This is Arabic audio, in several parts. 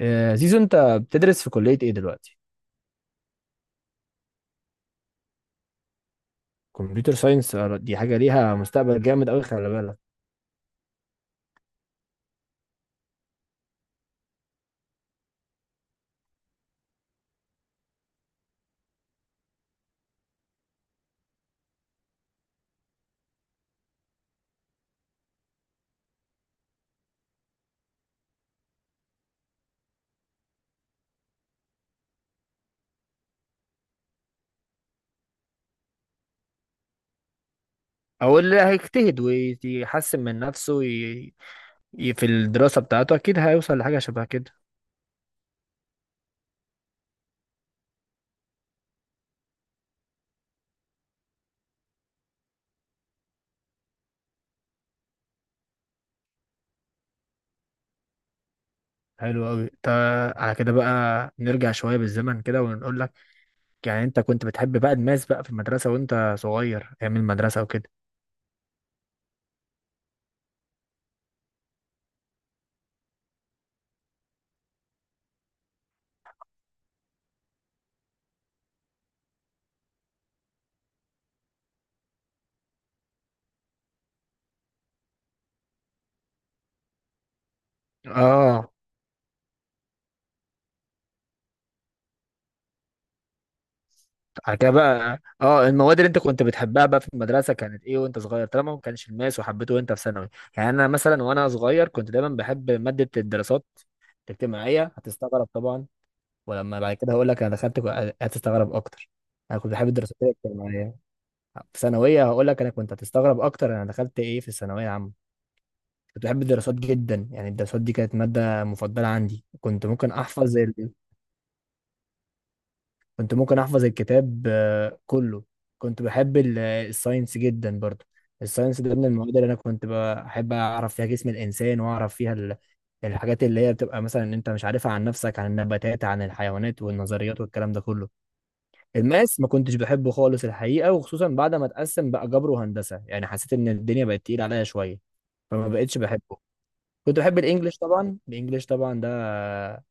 زيزو، انت بتدرس في كلية ايه دلوقتي؟ كمبيوتر ساينس. دي حاجة ليها مستقبل جامد قوي، خلي بالك. او اللي هيجتهد ويحسن من نفسه في الدراسة بتاعته اكيد هيوصل لحاجة شبه كده. حلو قوي. على كده بقى نرجع شوية بالزمن كده ونقول لك، يعني انت كنت بتحب بقى الماس بقى في المدرسة وانت صغير، ايام المدرسة وكده. اه. بعد كده بقى، اه، المواد اللي انت كنت بتحبها بقى في المدرسه كانت ايه وانت صغير، طالما ما كانش الماس وحبيته وانت في ثانوي؟ يعني انا مثلا وانا صغير كنت دايما بحب ماده الدراسات الاجتماعيه، هتستغرب طبعا. ولما بعد كده هقول لك انا دخلت هتستغرب اكتر. انا كنت بحب الدراسات الاجتماعيه في ثانويه، هقول لك انا كنت هتستغرب اكتر انا دخلت ايه في الثانويه العامه. كنت بحب الدراسات جدا، يعني الدراسات دي كانت ماده مفضله عندي، كنت ممكن احفظ، كنت ممكن احفظ الكتاب كله. كنت بحب الساينس جدا برضو. الساينس ده من المواد اللي انا كنت بحب اعرف فيها جسم الانسان واعرف فيها الحاجات اللي هي بتبقى مثلا إن انت مش عارفها، عن نفسك، عن النباتات، عن الحيوانات والنظريات والكلام ده كله. الماس ما كنتش بحبه خالص الحقيقة، وخصوصا بعد ما اتقسم بقى جبر وهندسة، يعني حسيت ان الدنيا بقت تقيلة عليا شوية، فما بقتش بحبه. كنت بحب الانجليش طبعا، الانجليش طبعا ده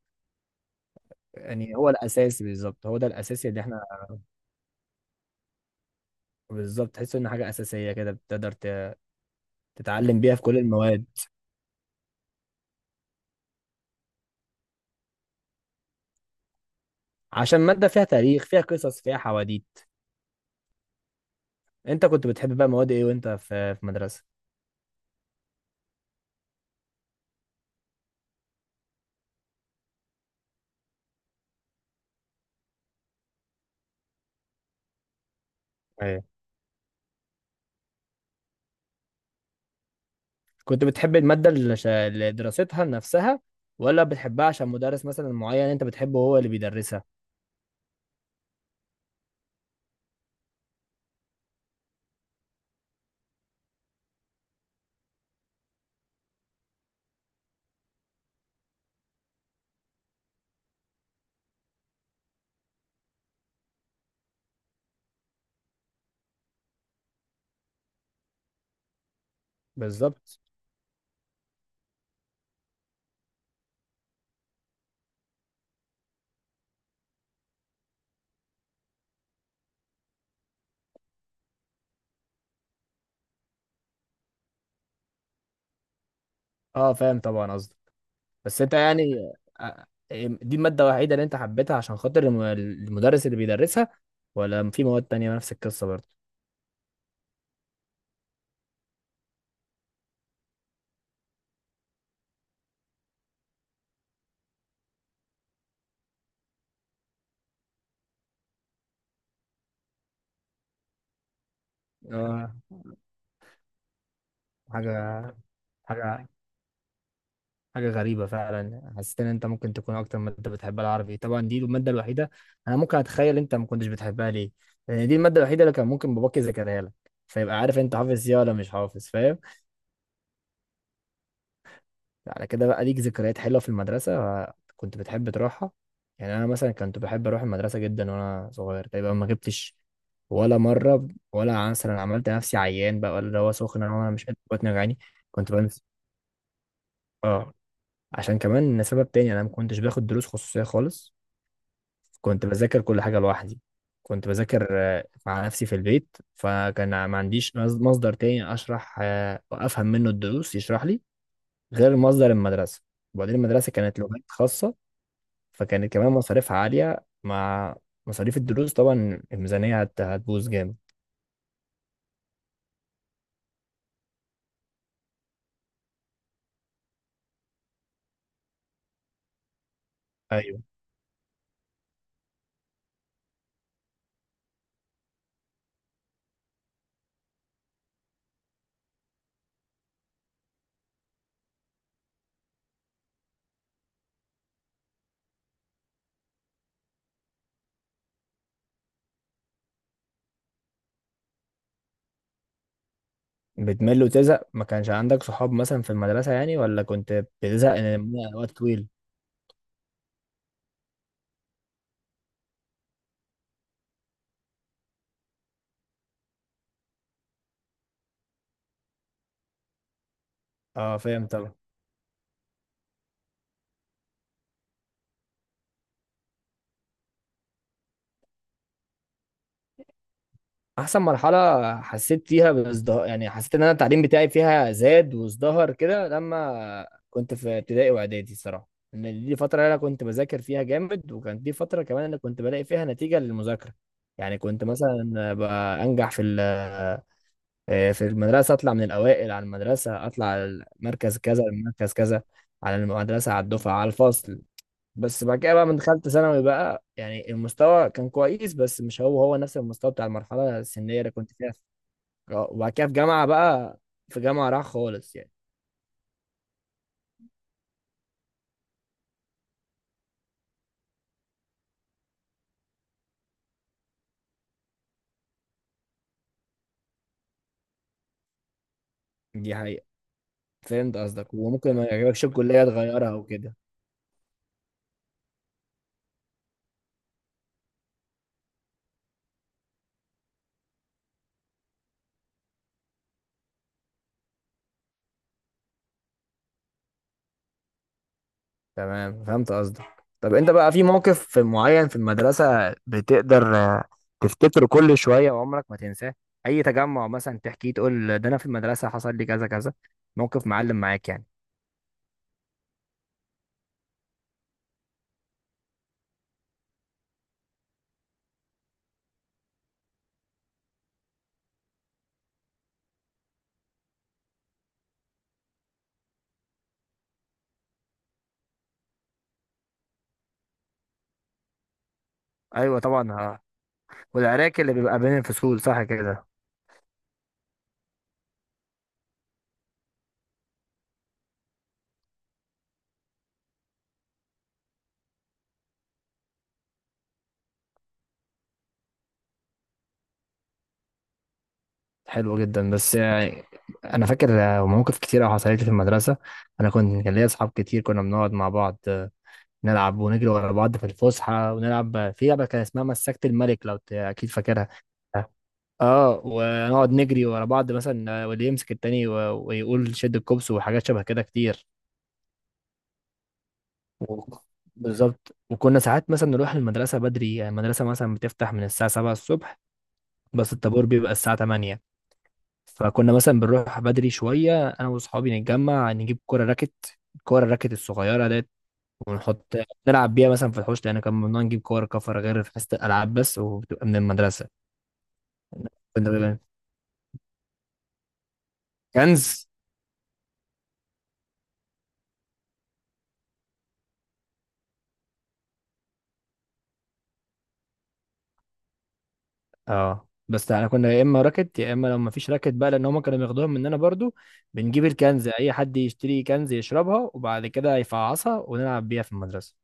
يعني هو الاساس، بالظبط هو ده الاساس اللي احنا. بالظبط، تحس ان حاجه اساسيه كده بتقدر تتعلم بيها في كل المواد. عشان ماده فيها تاريخ، فيها قصص، فيها حواديت. انت كنت بتحب بقى مواد ايه وانت في مدرسه؟ ايوه. كنت بتحب الماده اللي اللي دراستها نفسها، ولا بتحبها عشان مدرس مثلا معين انت بتحبه هو اللي بيدرسها؟ بالظبط. اه، فاهم طبعا قصدك. بس انت يعني، آه، دي الماده الوحيده اللي انت حبيتها عشان خاطر المدرس اللي بيدرسها، ولا في مواد تانية نفس القصه برضه؟ آه، حاجة حاجة حاجة غريبة فعلا، حسيت ان انت ممكن تكون اكتر مادة بتحبها العربي. طبعا دي المادة الوحيدة انا ممكن اتخيل انت ما كنتش بتحبها ليه، لان دي المادة الوحيدة اللي كان ممكن باباك يذاكرها لك، فيبقى عارف انت حافظ ايه ولا مش حافظ، فاهم؟ على كده بقى ليك ذكريات حلوة في المدرسة؟ كنت بتحب تروحها؟ يعني انا مثلا كنت بحب اروح المدرسة جدا وانا صغير، تقريبا ما جبتش ولا مرة، ولا مثلا عملت نفسي عيان بقى، ولا اللي هو سخن انا وأنا مش قادر، بطني وجعاني. كنت بنسى. اه. عشان كمان سبب تاني انا ما كنتش باخد دروس خصوصية خالص، كنت بذاكر كل حاجة لوحدي. كنت بذاكر مع نفسي في البيت، فكان ما عنديش مصدر تاني أشرح وأفهم منه الدروس، يشرح لي غير مصدر المدرسة. وبعدين المدرسة كانت لغات خاصة، فكانت كمان مصاريفها عالية مع مصاريف الدروس، طبعا الميزانية هتبوظ جامد. أيوه. بتمل وتزهق، ما كانش عندك صحاب مثلا في المدرسة يعني، ولا كنت بتزهق من وقت طويل؟ اه، فاهم طبعا. احسن مرحله حسيت فيها بازدهار، يعني حسيت ان انا التعليم بتاعي فيها زاد وازدهر كده لما كنت في ابتدائي واعدادي صراحه، ان دي فتره انا كنت بذاكر فيها جامد، وكانت دي فتره كمان انا كنت بلاقي فيها نتيجه للمذاكره. يعني كنت مثلا بقى انجح في ال- آه، في المدرسه، اطلع من الاوائل على المدرسه، اطلع على المركز كذا المركز كذا، على المدرسه، على الدفعه، على الفصل. بس بعد كده بقى من دخلت ثانوي بقى يعني المستوى كان كويس، بس مش هو هو نفس المستوى بتاع المرحلة السنية اللي كنت فيها. وبعد كده في جامعة بقى، في جامعة راح خالص يعني. دي حقيقة. فهمت قصدك، وممكن ما يعجبكش الكلية تغيرها وكده. تمام، فهمت قصدك. طب انت بقى في موقف معين في المدرسة بتقدر تفتكره كل شوية وعمرك ما تنساه؟ أي تجمع مثلا تحكيه تقول، ده أنا في المدرسة حصل لي كذا كذا، موقف معلم معاك يعني؟ أيوة طبعا، آه. والعراك اللي بيبقى بين الفصول صح كده. حلو جدا، بس يعني انا فاكر مواقف كتير حصلت لي في المدرسه. انا كنت، كان ليا اصحاب كتير، كنا بنقعد مع بعض نلعب ونجري ورا بعض في الفسحه، ونلعب في لعبه كان اسمها مسكت الملك، لو اكيد فاكرها. اه ونقعد نجري ورا بعض مثلا، واللي يمسك التاني ويقول شد الكوبس، وحاجات شبه كده كتير. و- بالظبط، وكنا ساعات مثلا نروح المدرسه بدري، يعني المدرسه مثلا بتفتح من الساعه 7 الصبح، بس الطابور بيبقى الساعه 8. فكنا مثلا بنروح بدري شوية أنا وأصحابي، نتجمع، نجيب كورة راكت، الكورة الراكت الصغيرة ديت، ونحط نلعب بيها مثلا في الحوش، لأن كان ممنوع نجيب كور كفر غير في حصة الألعاب بس وبتبقى من المدرسة. كنا بيبقى كنز. اه، بس احنا كنا يا اما راكت يا اما لو ما فيش راكت بقى لان هم كانوا بياخدوها مننا برضو، بنجيب الكنز، اي حد يشتري كنز يشربها وبعد كده يفعصها ونلعب بيها في المدرسة.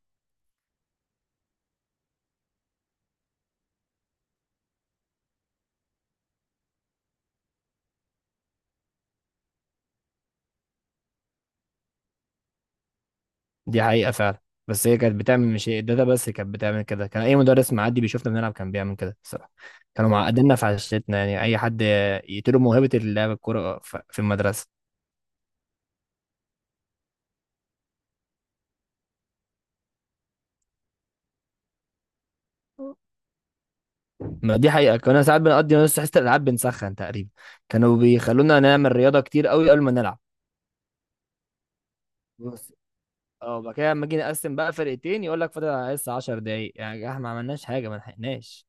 دي حقيقة فعلا. بس هي كانت بتعمل، مش الداتا بس كانت بتعمل كده، كان أي مدرس معدي بيشوفنا بنلعب كان بيعمل كده الصراحة. كانوا معقديننا في عشتنا يعني، أي حد يقتلوا موهبة اللعب الكورة في المدرسة. ما دي حقيقة، كنا ساعات بنقضي نص حصة الألعاب بنسخن تقريبا، كانوا بيخلونا نعمل رياضة كتير قوي قبل ما نلعب. بص، اه وبعد كده لما جينا نقسم بقى فرقتين يقول لك فاضل على الحصة 10 دقايق، يعني يا جماعة، احنا ما عملناش حاجة ما لحقناش.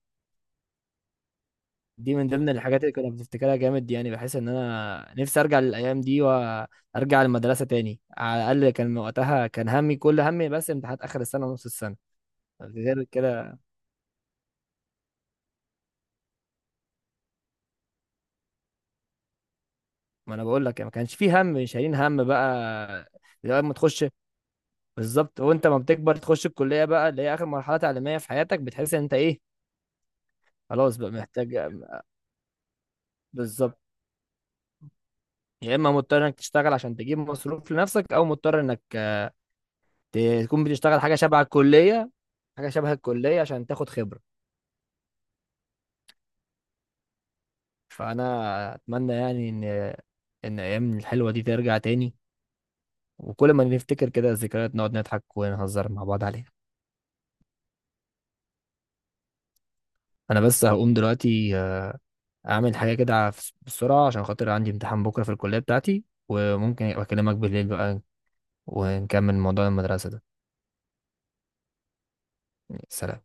دي من ضمن الحاجات اللي كنا بنفتكرها جامد، يعني بحس ان انا نفسي ارجع للايام دي وارجع المدرسه تاني، على الاقل كان وقتها كان همي، كل همي بس امتحانات اخر السنه ونص السنه، غير كده، ما انا بقول لك ما كانش فيه هم شايلين هم بقى. لما تخش، بالظبط، وانت ما بتكبر تخش الكليه بقى اللي هي اخر مرحله تعليميه في حياتك، بتحس ان انت ايه؟ خلاص بقى محتاج، بالظبط، يا اما مضطر انك تشتغل عشان تجيب مصروف لنفسك، او مضطر انك تكون بتشتغل حاجه شبه الكليه، حاجه شبه الكليه عشان تاخد خبره. فانا اتمنى يعني ان ايام الحلوه دي ترجع تاني، وكل ما نفتكر كده الذكريات نقعد نضحك ونهزر مع بعض عليها. انا بس هقوم دلوقتي اعمل حاجه كده بسرعه عشان خاطر عندي امتحان بكره في الكليه بتاعتي، وممكن ابقى اكلمك بالليل بقى ونكمل موضوع المدرسه ده. سلام.